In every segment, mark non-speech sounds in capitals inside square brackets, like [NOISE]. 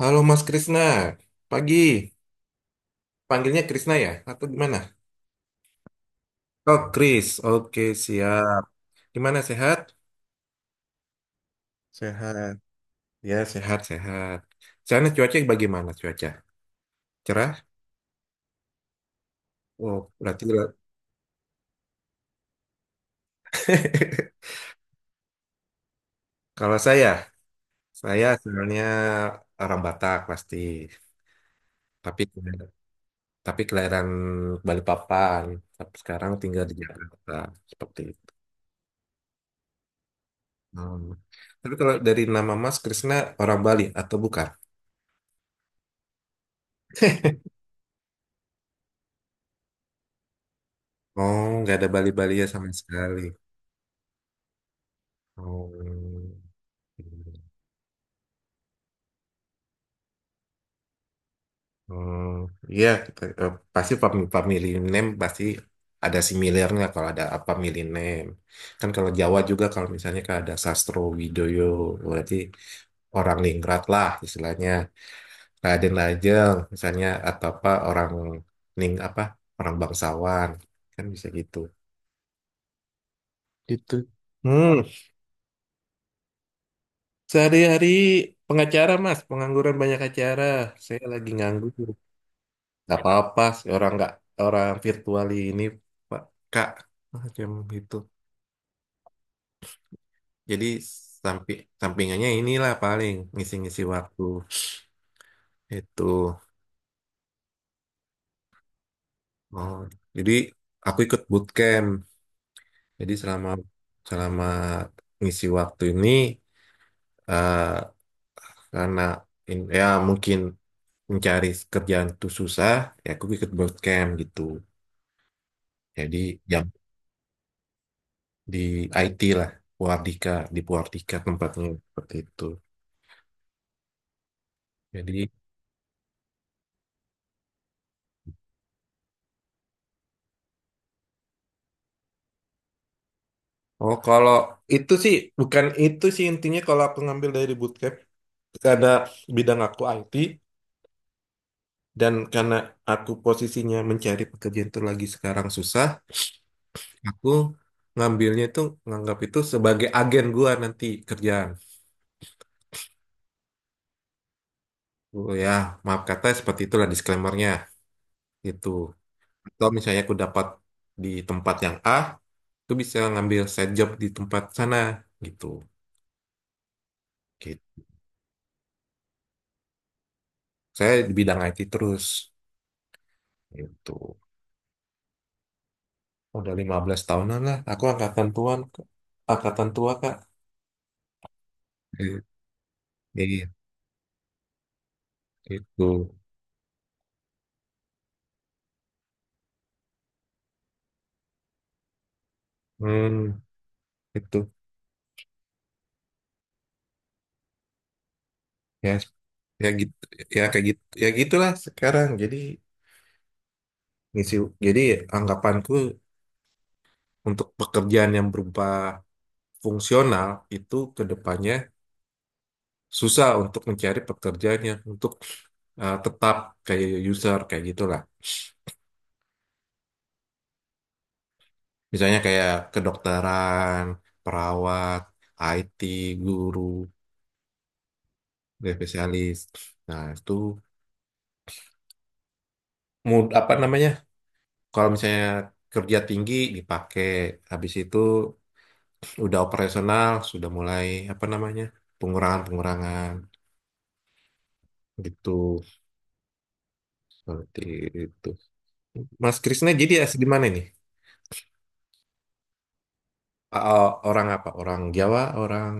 Halo Mas Krisna, pagi. Panggilnya Krisna ya? Atau gimana? Oh, Kris. Oke, siap. Gimana, sehat? Sehat. Ya, sehat, sehat. Sana cuaca bagaimana cuaca? Cerah? Oh, berarti. [LAUGHS] Kalau saya sebenarnya orang Batak pasti. Tapi tapi kelahiran Balikpapan. Tapi sekarang tinggal di Jakarta. Seperti itu. Hmm. Tapi kalau dari nama Mas Krisna, orang Bali atau bukan? [LAUGHS] Oh, nggak ada Bali-Balia sama sekali. Oh, oh, iya, pasti family name pasti ada similarnya kalau ada apa family name. Kan kalau Jawa juga kalau misalnya kan ada Sastro Widoyo, berarti orang Ningrat lah istilahnya. Raden Lajeng misalnya atau apa orang Ning apa orang bangsawan kan bisa gitu. Gitu. Hmm. Sehari-hari pengacara mas, pengangguran banyak acara. Saya lagi nganggur. Gak apa-apa sih orang nggak orang virtual ini Pak Kak macam itu. Jadi sampi, sampingannya inilah paling ngisi-ngisi waktu itu. Oh, jadi aku ikut bootcamp. Jadi selama selama ngisi waktu ini eh, karena ya mungkin mencari kerjaan itu susah, ya aku ikut bootcamp gitu. Jadi jam di IT lah Purardika di Purardika tempatnya seperti itu jadi oh kalau itu sih bukan itu sih intinya kalau aku ngambil dari bootcamp karena bidang aku IT dan karena aku posisinya mencari pekerjaan itu lagi sekarang susah aku ngambilnya itu nganggap itu sebagai agen gua nanti kerjaan oh ya maaf kata seperti itulah disclaimernya itu atau misalnya aku dapat di tempat yang A itu bisa ngambil side job di tempat sana gitu. Gitu. Saya di bidang IT terus gitu. Udah 15 tahunan lah. Aku angkatan tua Kak. I- Iya, itu. Hmm, itu. Ya, ya gitu. Ya kayak gitu. Ya gitulah sekarang. Jadi misi jadi anggapanku untuk pekerjaan yang berupa fungsional itu ke depannya susah untuk mencari pekerjaan yang untuk tetap kayak user kayak gitulah. Misalnya kayak kedokteran, perawat, IT, guru, spesialis. Nah, itu apa namanya? Kalau misalnya kerja tinggi dipakai, habis itu udah operasional, sudah mulai apa namanya? Pengurangan-pengurangan gitu. Seperti itu. Mas Krisna jadi asli di mana nih? Orang apa? Orang Jawa, orang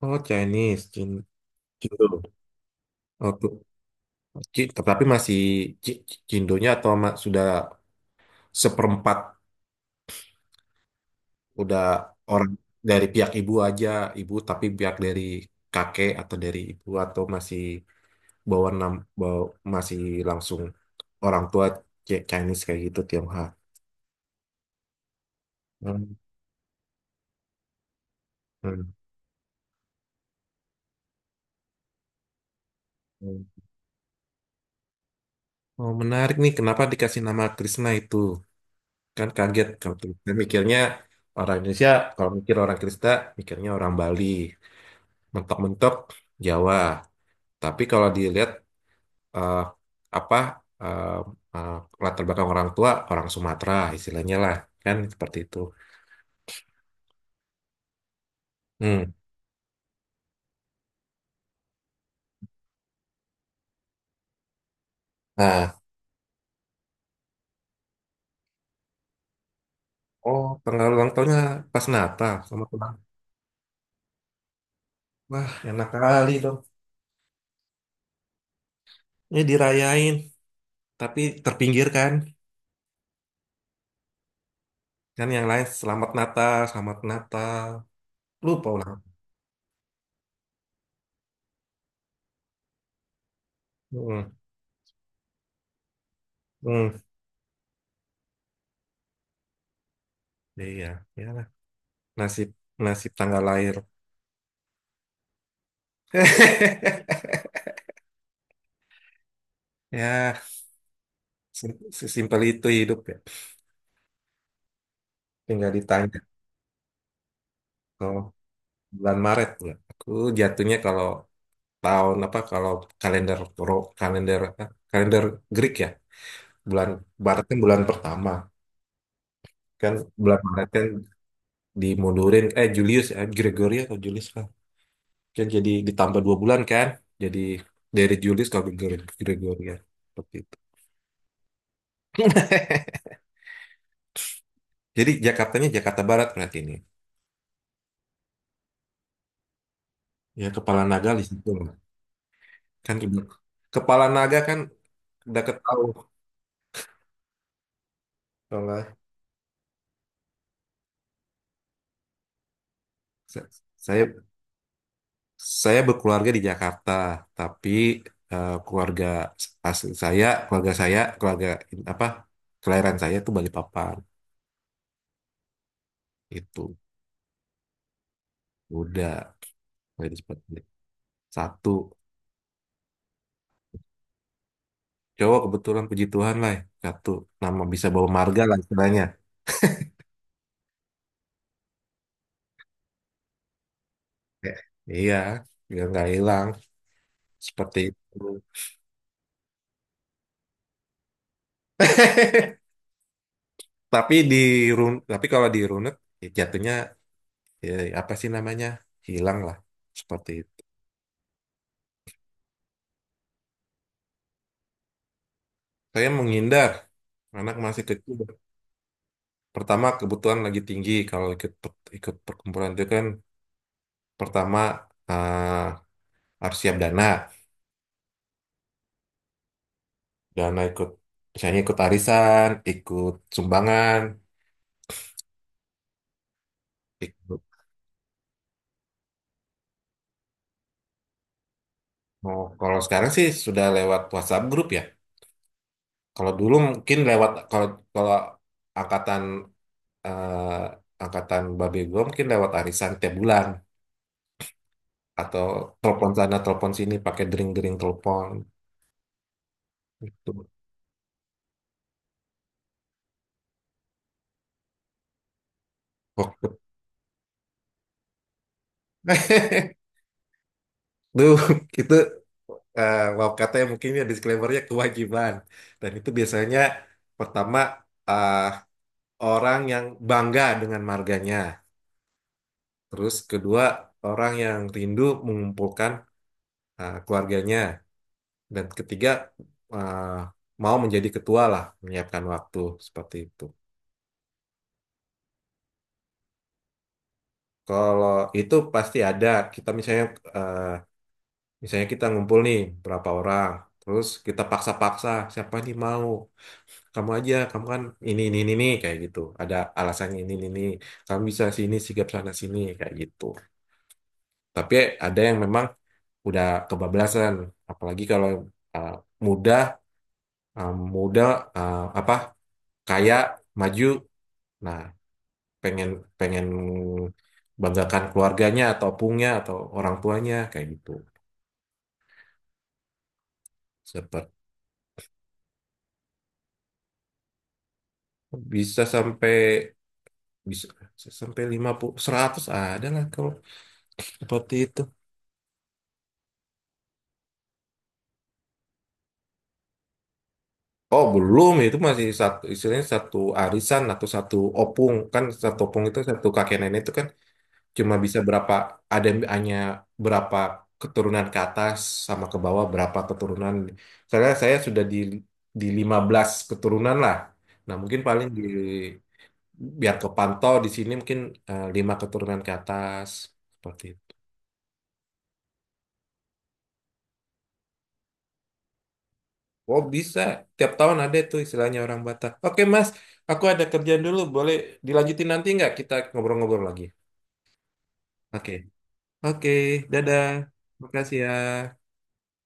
oh Chinese, Cindo. Oh, tuh. Tapi masih Ci- Cindonya atau sudah seperempat udah orang dari pihak ibu aja ibu tapi pihak dari kakek atau dari ibu atau masih bawa nam bawa, masih langsung orang tua Chinese kayak gitu Tionghoa. Hmm. Hmm. Hmm. Oh, menarik nih kenapa dikasih nama Krishna itu kan kaget kalau tuh. Saya mikirnya orang Indonesia kalau mikir orang Kristen mikirnya orang Bali mentok-mentok Jawa tapi kalau dilihat eh, apa eh, eh, latar belakang orang tua orang Sumatera istilahnya lah kan seperti itu. Hmm. Nah, oh tanggal ulang tahunnya pas Natal sama tulang. Wah, enak kali dong. Ini dirayain, tapi terpinggirkan. Kan Kan yang lain selamat Natal, selamat Natal. Lupa ulang. Hmm. Hmm. Iya, ya lah. Nasib nasib tanggal lahir. [LAUGHS] Ya, sesimpel itu hidup ya. Tinggal ditanya. "Oh, bulan Maret nggak? Aku jatuhnya kalau tahun apa kalau kalender kalender apa? Kalender Greek ya bulan Maret kan bulan pertama kan bulan Maret kan dimundurin Julius Gregory atau Julius kan kan jadi ditambah 2 bulan kan jadi dari Julius ke Gregorian seperti itu. [LAUGHS] Jadi Jakartanya Jakarta Barat berarti ini ya kepala naga di situ lah. Kan kepala naga kan udah ketahui kalau nggak- saya Saya berkeluarga di Jakarta, tapi eh, keluarga asli saya, keluarga in- apa, kelahiran saya itu Balikpapan. Itu udah dari seperti itu. Satu cowok kebetulan puji Tuhan lah ya. Satu nama bisa bawa marga lah istilahnya. Eh, iya, biar nggak hilang seperti itu. [LAUGHS] Tapi kalau di runut ya jatuhnya ya, apa sih namanya hilang lah seperti itu. Saya menghindar anak masih kecil. Pertama kebutuhan lagi tinggi kalau ikut ikut perkumpulan itu kan pertama eh, harus siap dana dana ikut misalnya ikut arisan ikut sumbangan ikut oh, kalau sekarang sih sudah lewat WhatsApp grup ya kalau dulu mungkin lewat kalau kalau angkatan angkatan babe gue mungkin lewat arisan tiap bulan atau telepon sana telepon sini pakai dering-dering telepon itu. [LAUGHS] Waktu- Duh, itu maaf katanya mungkin ya disclaimer-nya kewajiban. Dan itu biasanya pertama ah, orang yang bangga dengan marganya. Terus kedua orang yang rindu mengumpulkan keluarganya. Dan ketiga ah, mau menjadi ketua lah menyiapkan waktu seperti itu. Kalau itu pasti ada. Kita eh, misalnya kita ngumpul nih berapa orang. Terus kita paksa-paksa siapa nih mau. Kamu aja kamu kan ini," kayak gitu ada alasannya ini ini. Kamu bisa sini sigap sana sini kayak gitu tapi ada yang memang udah kebablasan apalagi kalau uh, muda muda apa kaya maju nah pengen pengen banggakan keluarganya atau punya atau orang tuanya kayak gitu seperti bisa sampai bisa sampai 50 100 ada lah kalau seperti itu. Oh belum itu masih satu istilahnya satu arisan atau satu opung kan satu opung itu satu kakek nenek itu kan cuma bisa berapa ada yang hanya berapa keturunan ke atas sama ke bawah berapa keturunan karena saya sudah di 15 keturunan lah nah mungkin paling di biar kepantau di sini mungkin lima keturunan ke atas seperti itu oh bisa tiap tahun ada itu istilahnya orang Batak. Oke Mas, aku ada kerjaan dulu, boleh dilanjutin nanti nggak kita ngobrol-ngobrol lagi? Oke, oke, dadah. Makasih ya.